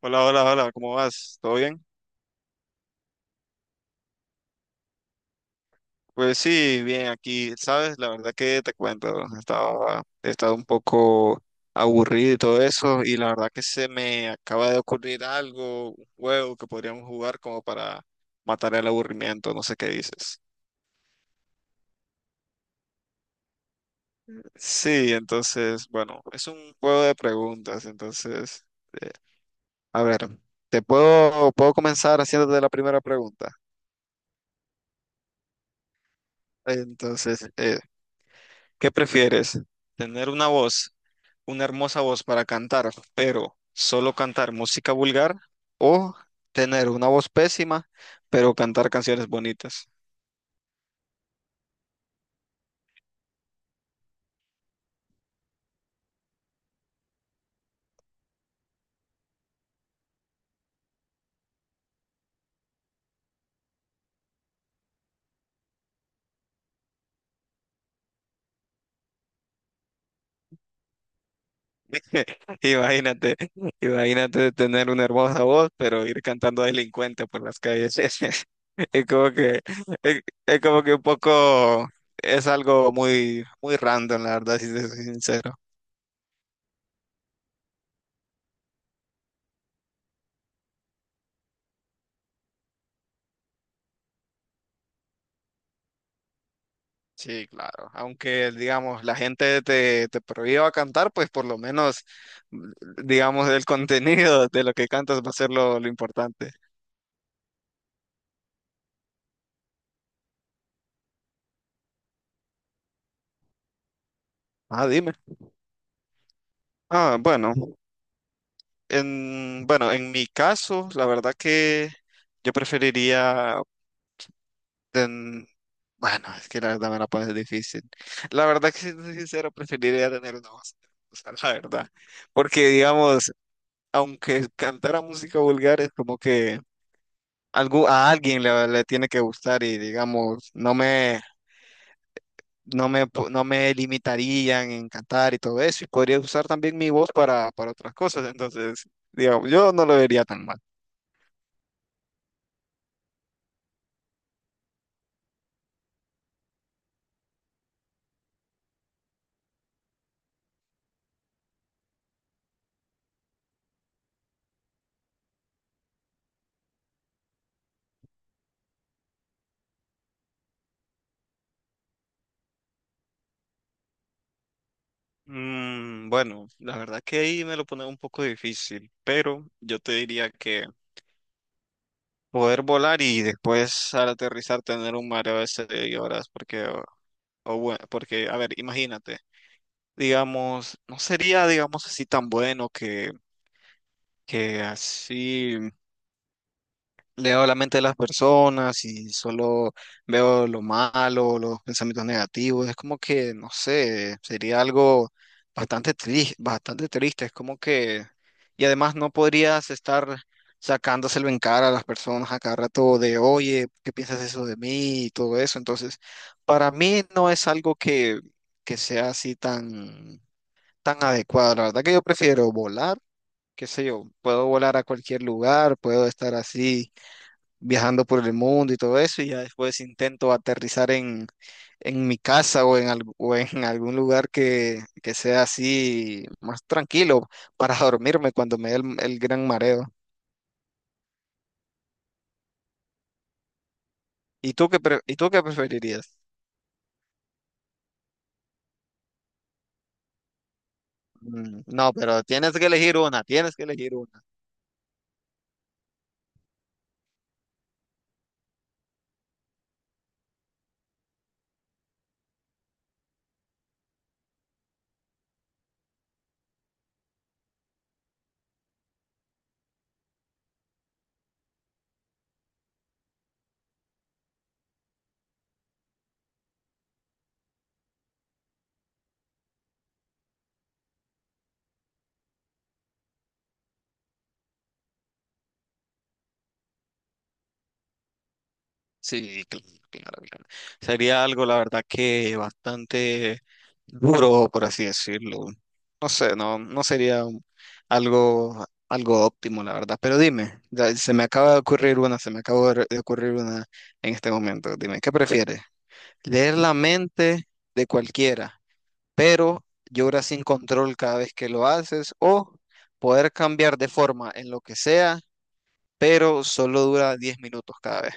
Hola, hola, hola, ¿cómo vas? ¿Todo bien? Pues sí, bien, aquí, sabes, la verdad que te cuento, he estado un poco aburrido y todo eso, y la verdad que se me acaba de ocurrir algo, un juego que podríamos jugar como para matar el aburrimiento, no sé qué dices. Sí, entonces, bueno, es un juego de preguntas, entonces, eh, a ver, puedo comenzar haciéndote la primera pregunta. Entonces. ¿Qué prefieres? ¿Tener una hermosa voz para cantar, pero solo cantar música vulgar? ¿O tener una voz pésima, pero cantar canciones bonitas? Imagínate, imagínate tener una hermosa voz, pero ir cantando delincuente por las calles. Es como que, es como que un poco, es algo muy, muy random, la verdad, si te soy sincero. Sí, claro. Aunque, digamos, la gente te prohíba cantar, pues por lo menos, mm, digamos, el contenido de lo que cantas va a ser lo importante. Ah, dime. Ah, bueno, bueno, en mi caso, la verdad que yo preferiría ten- bueno, es que la verdad me la pones difícil. La verdad que siendo sincero, preferiría tener una voz. O sea, la verdad. Porque, digamos, aunque cantara música vulgar, es como que a alguien le, tiene que gustar y, digamos, no me limitarían en cantar y todo eso. Y podría usar también mi voz para otras cosas. Entonces, digamos, yo no lo vería tan mal. Bueno, la verdad que ahí me lo pone un poco difícil, pero yo te diría que poder volar y después al aterrizar tener un mareo de 6 horas, porque, a ver, imagínate, digamos, no sería, digamos, así tan bueno que así. Leo la mente de las personas y solo veo lo malo, los pensamientos negativos. Es como que, no sé, sería algo bastante triste, bastante triste. Es como que, y además no podrías estar sacándoselo en cara a las personas a cada rato de, oye, ¿qué piensas eso de mí? Y todo eso. Entonces, para mí no es algo que, sea así tan, tan adecuado. La verdad que yo prefiero volar. Qué sé yo, puedo volar a cualquier lugar, puedo estar así viajando por el mundo y todo eso, y ya después intento aterrizar en, mi casa o o en algún lugar que, sea así más tranquilo para dormirme cuando me dé el gran mareo. ¿Y tú qué preferirías? No, pero tienes que elegir una, tienes que elegir una. Sí, claro, claro. Sería algo, la verdad, que bastante duro, por así decirlo. No sé, no sería algo óptimo, la verdad. Pero dime, ya se me acaba de ocurrir una, se me acaba de ocurrir una en este momento. Dime, ¿qué prefieres? Leer la mente de cualquiera, pero lloras sin control cada vez que lo haces, o poder cambiar de forma en lo que sea, pero solo dura 10 minutos cada vez.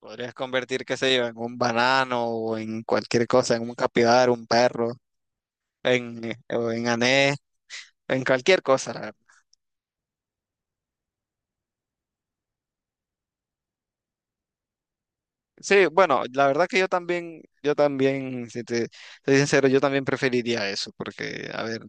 Podrías convertir, qué sé yo, en un banano o en cualquier cosa, en un capibara, un perro, o en anés, en cualquier cosa. La verdad. Sí, bueno, la verdad que yo también, si te soy sincero, yo también preferiría eso, porque, a ver,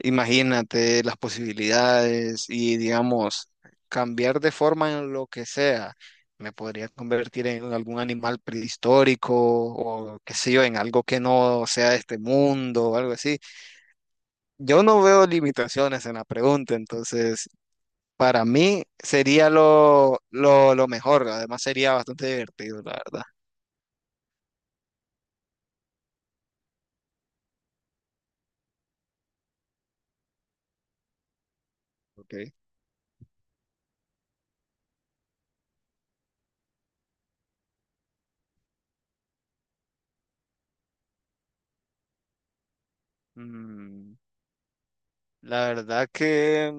imagínate las posibilidades y, digamos, cambiar de forma en lo que sea. Me podría convertir en algún animal prehistórico o, qué sé yo, en algo que no sea de este mundo o algo así. Yo no veo limitaciones en la pregunta, entonces para mí sería lo mejor, además sería bastante divertido, la verdad. Ok. Mm, la verdad que,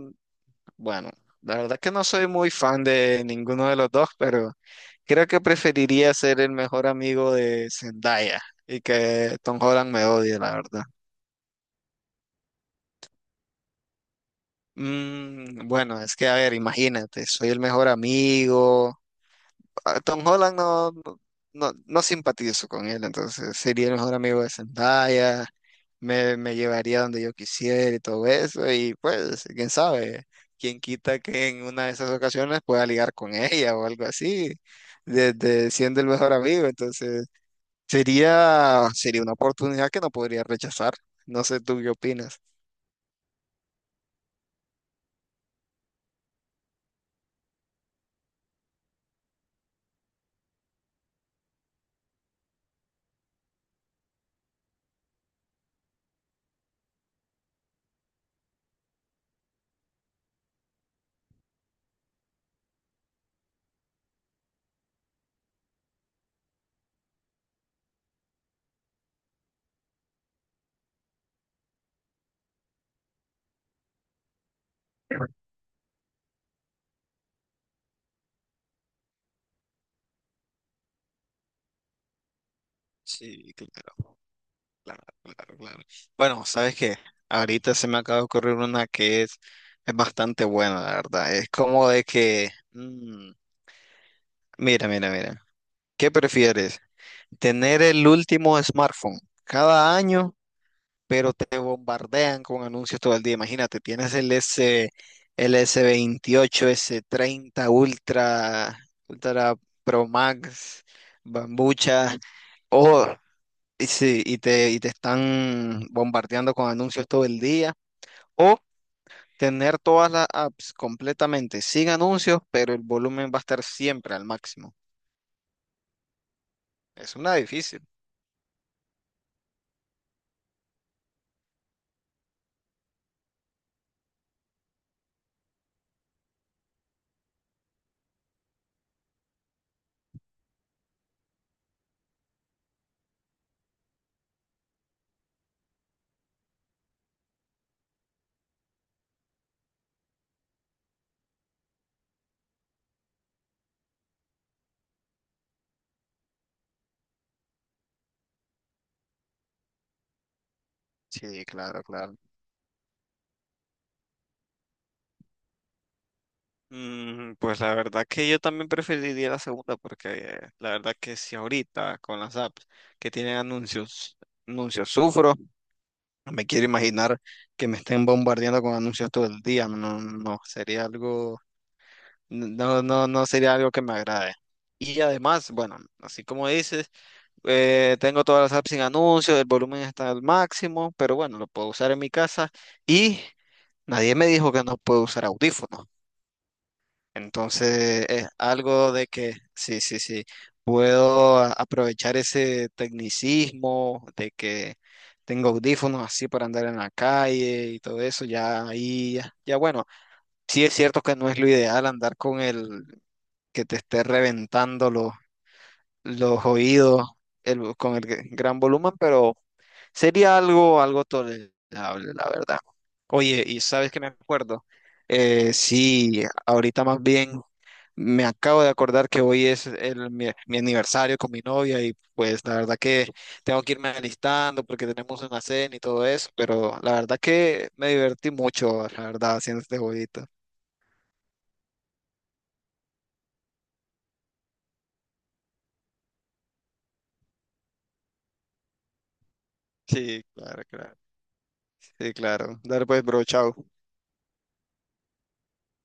bueno, la verdad que no soy muy fan de ninguno de los dos, pero creo que preferiría ser el mejor amigo de Zendaya y que Tom Holland me odie, la verdad. Bueno, es que, a ver, imagínate, soy el mejor amigo. A Tom Holland no simpatizo con él, entonces sería el mejor amigo de Zendaya, me llevaría donde yo quisiera y todo eso, y pues, quién sabe, quién quita que en una de esas ocasiones pueda ligar con ella o algo así, desde siendo el mejor amigo, entonces sería una oportunidad que no podría rechazar. No sé tú qué opinas. Sí, claro. Claro, claro, claro. Bueno, ¿sabes qué? Ahorita se me acaba de ocurrir una que es bastante buena, la verdad. Es como de que, mira, mira, mira. ¿Qué prefieres? ¿Tener el último smartphone cada año, pero te bombardean con anuncios todo el día? Imagínate, tienes el S28, S30 Ultra, Pro Max, Bambucha. O y te están bombardeando con anuncios todo el día. O tener todas las apps completamente sin anuncios, pero el volumen va a estar siempre al máximo. Es una difícil. Sí, claro, claro. Pues la verdad que yo también preferiría la segunda, porque la verdad que si ahorita con las apps que tienen anuncios sufro, no me quiero imaginar que me estén bombardeando con anuncios todo el día. No, no, no, sería algo. No, no, no sería algo que me agrade. Y además, bueno, así como dices, tengo todas las apps sin anuncios, el volumen está al máximo, pero bueno, lo puedo usar en mi casa y nadie me dijo que no puedo usar audífonos. Entonces, es algo de que sí, sí, sí, puedo aprovechar ese tecnicismo de que tengo audífonos así para andar en la calle y todo eso, ya ahí, ya bueno, sí es cierto que no es lo ideal andar con el que te esté reventando los oídos con el gran volumen, pero sería algo tolerable, la verdad. Oye, y sabes que me acuerdo. Sí, ahorita más bien me acabo de acordar que hoy es mi aniversario con mi novia y pues la verdad que tengo que irme alistando porque tenemos una cena y todo eso, pero la verdad que me divertí mucho, la verdad, haciendo este jueguito. Sí, claro, claro. Sí, claro. Dale pues, bro, chao.